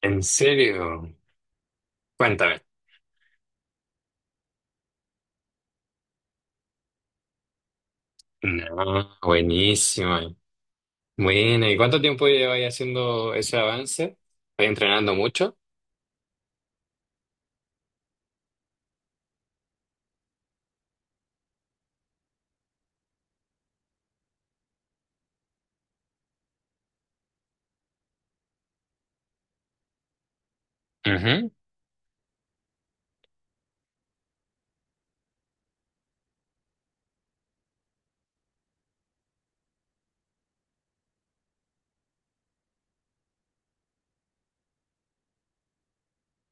¿En serio? Cuéntame. No, buenísimo. Bueno, ¿y cuánto tiempo lleváis haciendo ese avance? ¿Vais entrenando mucho? Ujú.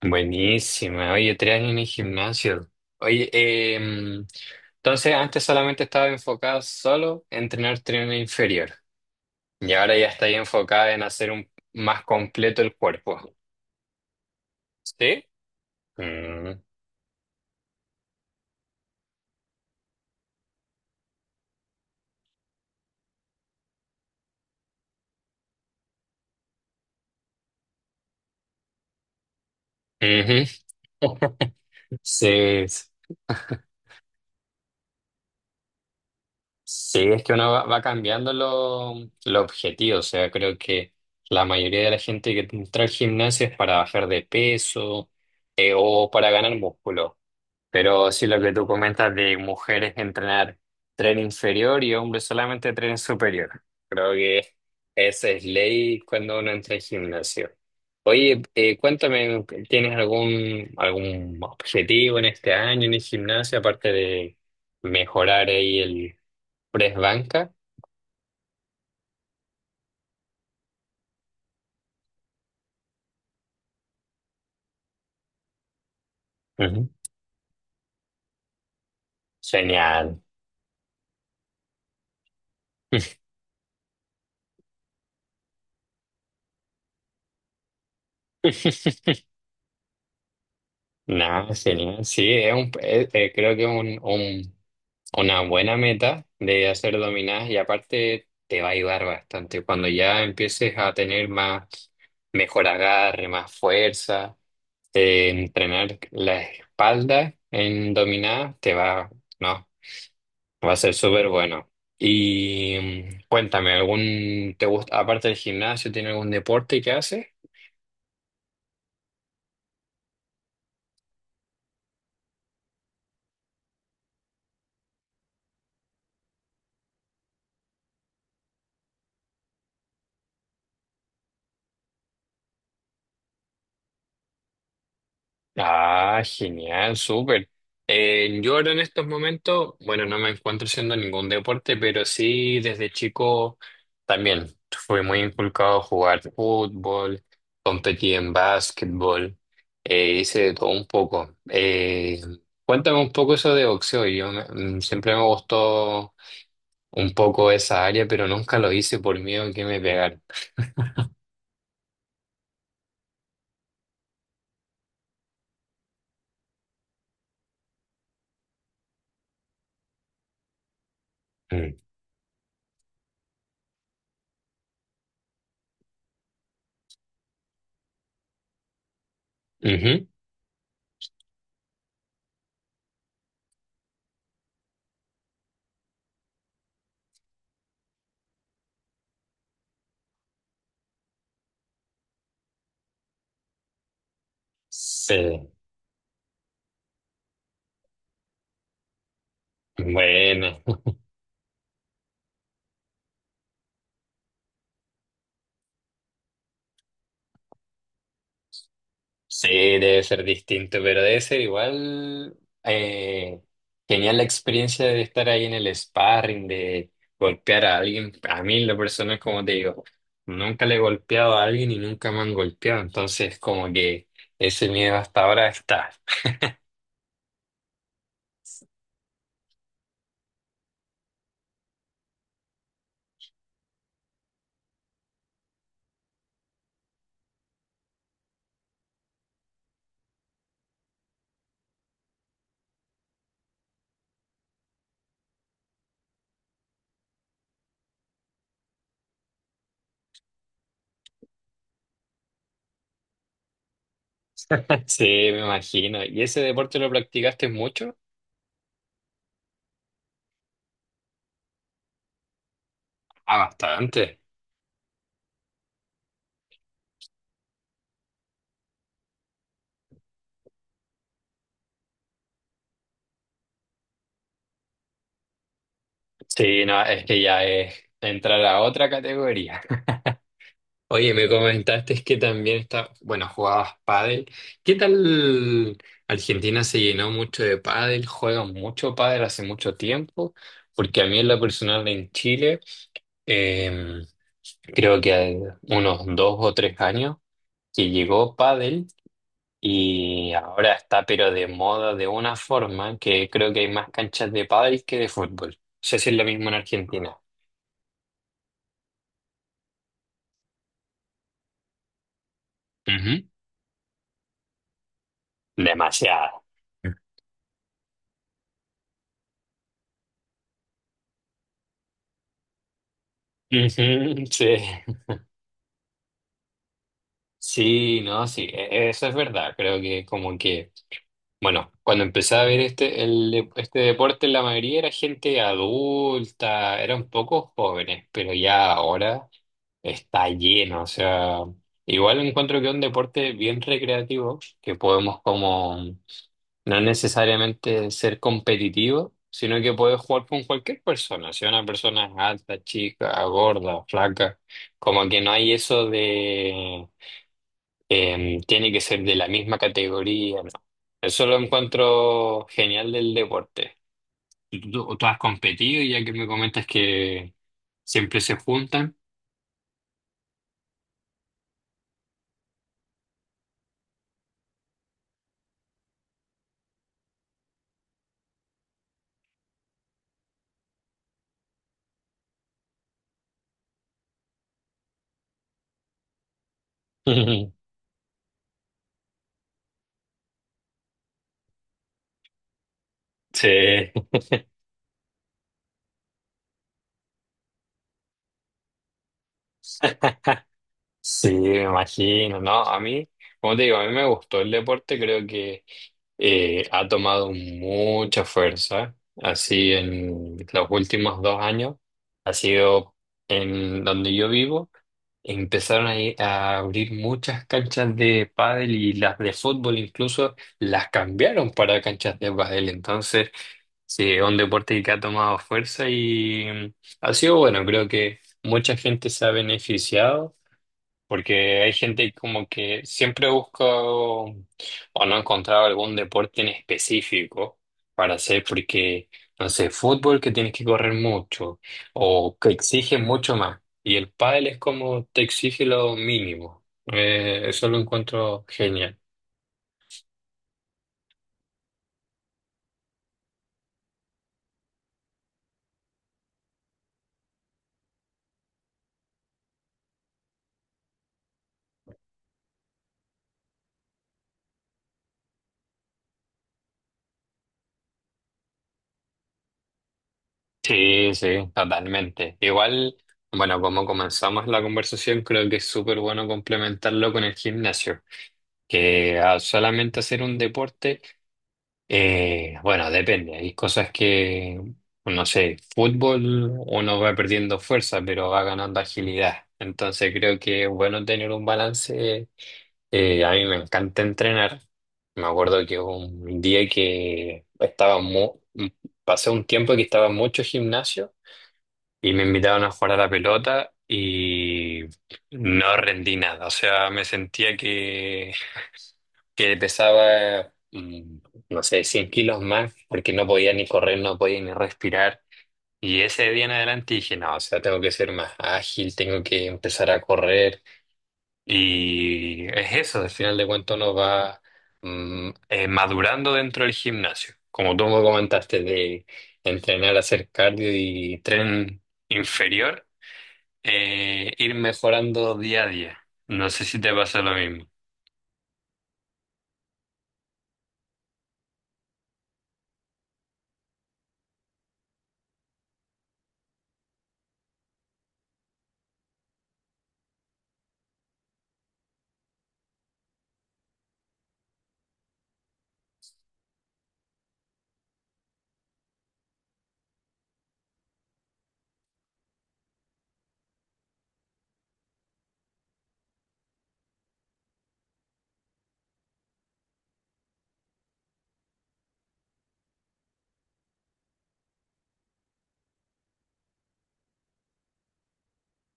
Buenísima. Oye, 3 años en el gimnasio. Oye, em, entonces antes solamente estaba enfocada solo en entrenar tren inferior. Y ahora ya está ahí enfocada en hacer más completo el cuerpo. ¿Sí? Mm, ujú. Sí. Sí, es que uno va cambiando los objetivos. O sea, creo que la mayoría de la gente que entra al gimnasio es para bajar de peso, o para ganar músculo. Pero sí, lo que tú comentas de mujeres entrenar tren inferior y hombres solamente tren superior. Creo que esa es ley cuando uno entra al gimnasio. Oye, cuéntame, ¿tienes algún objetivo en este año en el gimnasio aparte de mejorar ahí el Presbanca? Ujú. Genial. Nada, genial. Sí, creo que es una buena meta de hacer dominadas y aparte te va a ayudar bastante. Cuando ya empieces a tener más, mejor agarre, más fuerza, entrenar la espalda en dominadas te va, no, va a ser súper bueno. Y cuéntame, ¿algún, te gusta, aparte del gimnasio, tiene algún deporte que haces? Ah, genial, súper. Yo ahora en estos momentos, bueno, no me encuentro haciendo ningún deporte, pero sí desde chico también fui muy inculcado a jugar fútbol, competí en básquetbol, hice de todo un poco. Cuéntame un poco eso de boxeo. Siempre me gustó un poco esa área, pero nunca lo hice por miedo a que me pegaran. Mm. Ujú. Sí, bueno. Sí, debe ser distinto, pero debe ser igual, genial la experiencia de estar ahí en el sparring, de golpear a alguien. A mí, la persona, como te digo, nunca le he golpeado a alguien y nunca me han golpeado, entonces como que ese miedo hasta ahora está. Sí, me imagino. ¿Y ese deporte lo practicaste mucho? Ah, bastante. Sí, no, es que ya es entrar a otra categoría. Oye, me comentaste que también está, bueno, jugabas pádel. ¿Qué tal Argentina se llenó mucho de pádel? ¿Juegan mucho pádel hace mucho tiempo? Porque a mí en lo personal en Chile, eh, creo que hay unos 2 o 3 años que llegó pádel y ahora está pero de moda de una forma que creo que hay más canchas de pádel que de fútbol. No sé si es lo mismo en Argentina. Ujú. Demasiado. Ujú, sí. Sí, no, sí, e- eso es verdad. Creo que como que, bueno, cuando empecé a ver este deporte, la mayoría era gente adulta, eran pocos jóvenes, pero ya ahora está lleno. O sea, igual encuentro que es un deporte bien recreativo, que podemos como no necesariamente ser competitivo, sino que puedes jugar con cualquier persona, si una persona es alta, chica, gorda, flaca, como que no hay eso, tiene que ser de la misma categoría, ¿no? Eso lo encuentro genial del deporte. Tú has competido y ya que me comentas que siempre se juntan? Sí. Sí, me imagino, ¿no? A mí, como te digo, a mí me gustó el deporte, creo que ha tomado mucha fuerza, así en los últimos 2 años, ha sido en donde yo vivo, empezaron a, a abrir muchas canchas de pádel y las de fútbol incluso las cambiaron para canchas de pádel, entonces sí, es un deporte que ha tomado fuerza y, ha sido bueno, creo que mucha gente se ha beneficiado porque hay gente como que siempre busca o no ha encontrado algún deporte en específico para hacer, porque, no sé, fútbol que tienes que correr mucho o que exige mucho más. Y el pádel es como te exige lo mínimo. Eso lo encuentro genial. Sí, sí, totalmente. Igual, bueno, como comenzamos la conversación, creo que es súper bueno complementarlo con el gimnasio, que a solamente hacer un deporte. Bueno, depende. Hay cosas que, no sé, fútbol uno va perdiendo fuerza, pero va ganando agilidad. Entonces creo que es bueno tener un balance. A mí me encanta entrenar. Me acuerdo que hubo un día que pasé un tiempo que estaba mucho gimnasio y me invitaban a jugar a la pelota y no rendí nada. O sea, me sentía que pesaba, no sé, 100 kilos más, porque no podía ni correr, no podía ni respirar. Y ese día en adelante dije, no, o sea, tengo que ser más ágil, tengo que empezar a correr. Y es eso, al final de cuentas uno va, madurando dentro del gimnasio. Como tú me comentaste de entrenar, hacer cardio y tren inferior, ir mejorando día a día. No sé si te pasa lo mismo.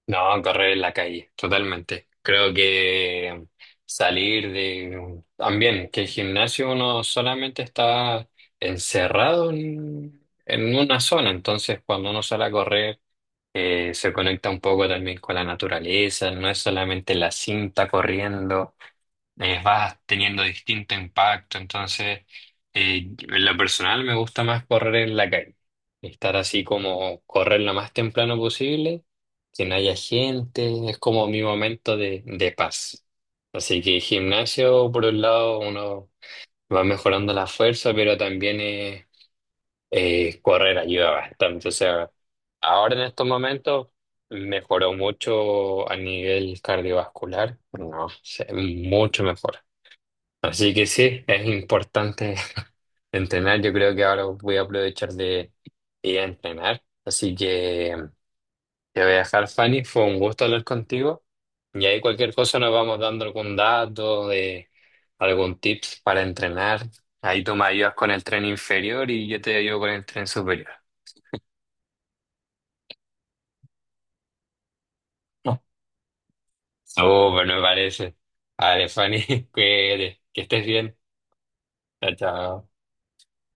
No, correr en la calle, totalmente. Creo que salir de... También, que el gimnasio uno solamente está encerrado en una zona, entonces cuando uno sale a correr, se conecta un poco también con la naturaleza, no es solamente la cinta corriendo, vas teniendo distinto impacto. Entonces, en lo personal me gusta más correr en la calle. Estar así como correr lo más temprano posible, que no haya gente, es como mi momento de paz. Así que gimnasio, por un lado, uno va mejorando la fuerza, pero también correr ayuda bastante. O sea, ahora en estos momentos mejoró mucho a nivel cardiovascular, no sé, mucho mejor. Así que sí, es importante entrenar. Yo creo que ahora voy a aprovechar de ir a entrenar. Así que te voy a dejar, Fanny. Fue un gusto hablar contigo. Y ahí cualquier cosa nos vamos dando algún dato de algún tips para entrenar. Ahí tú me ayudas con el tren inferior y yo te ayudo con el tren superior. Oh, súper, me parece. Vale, Fanny, cuídate, que estés bien. Chao, chao.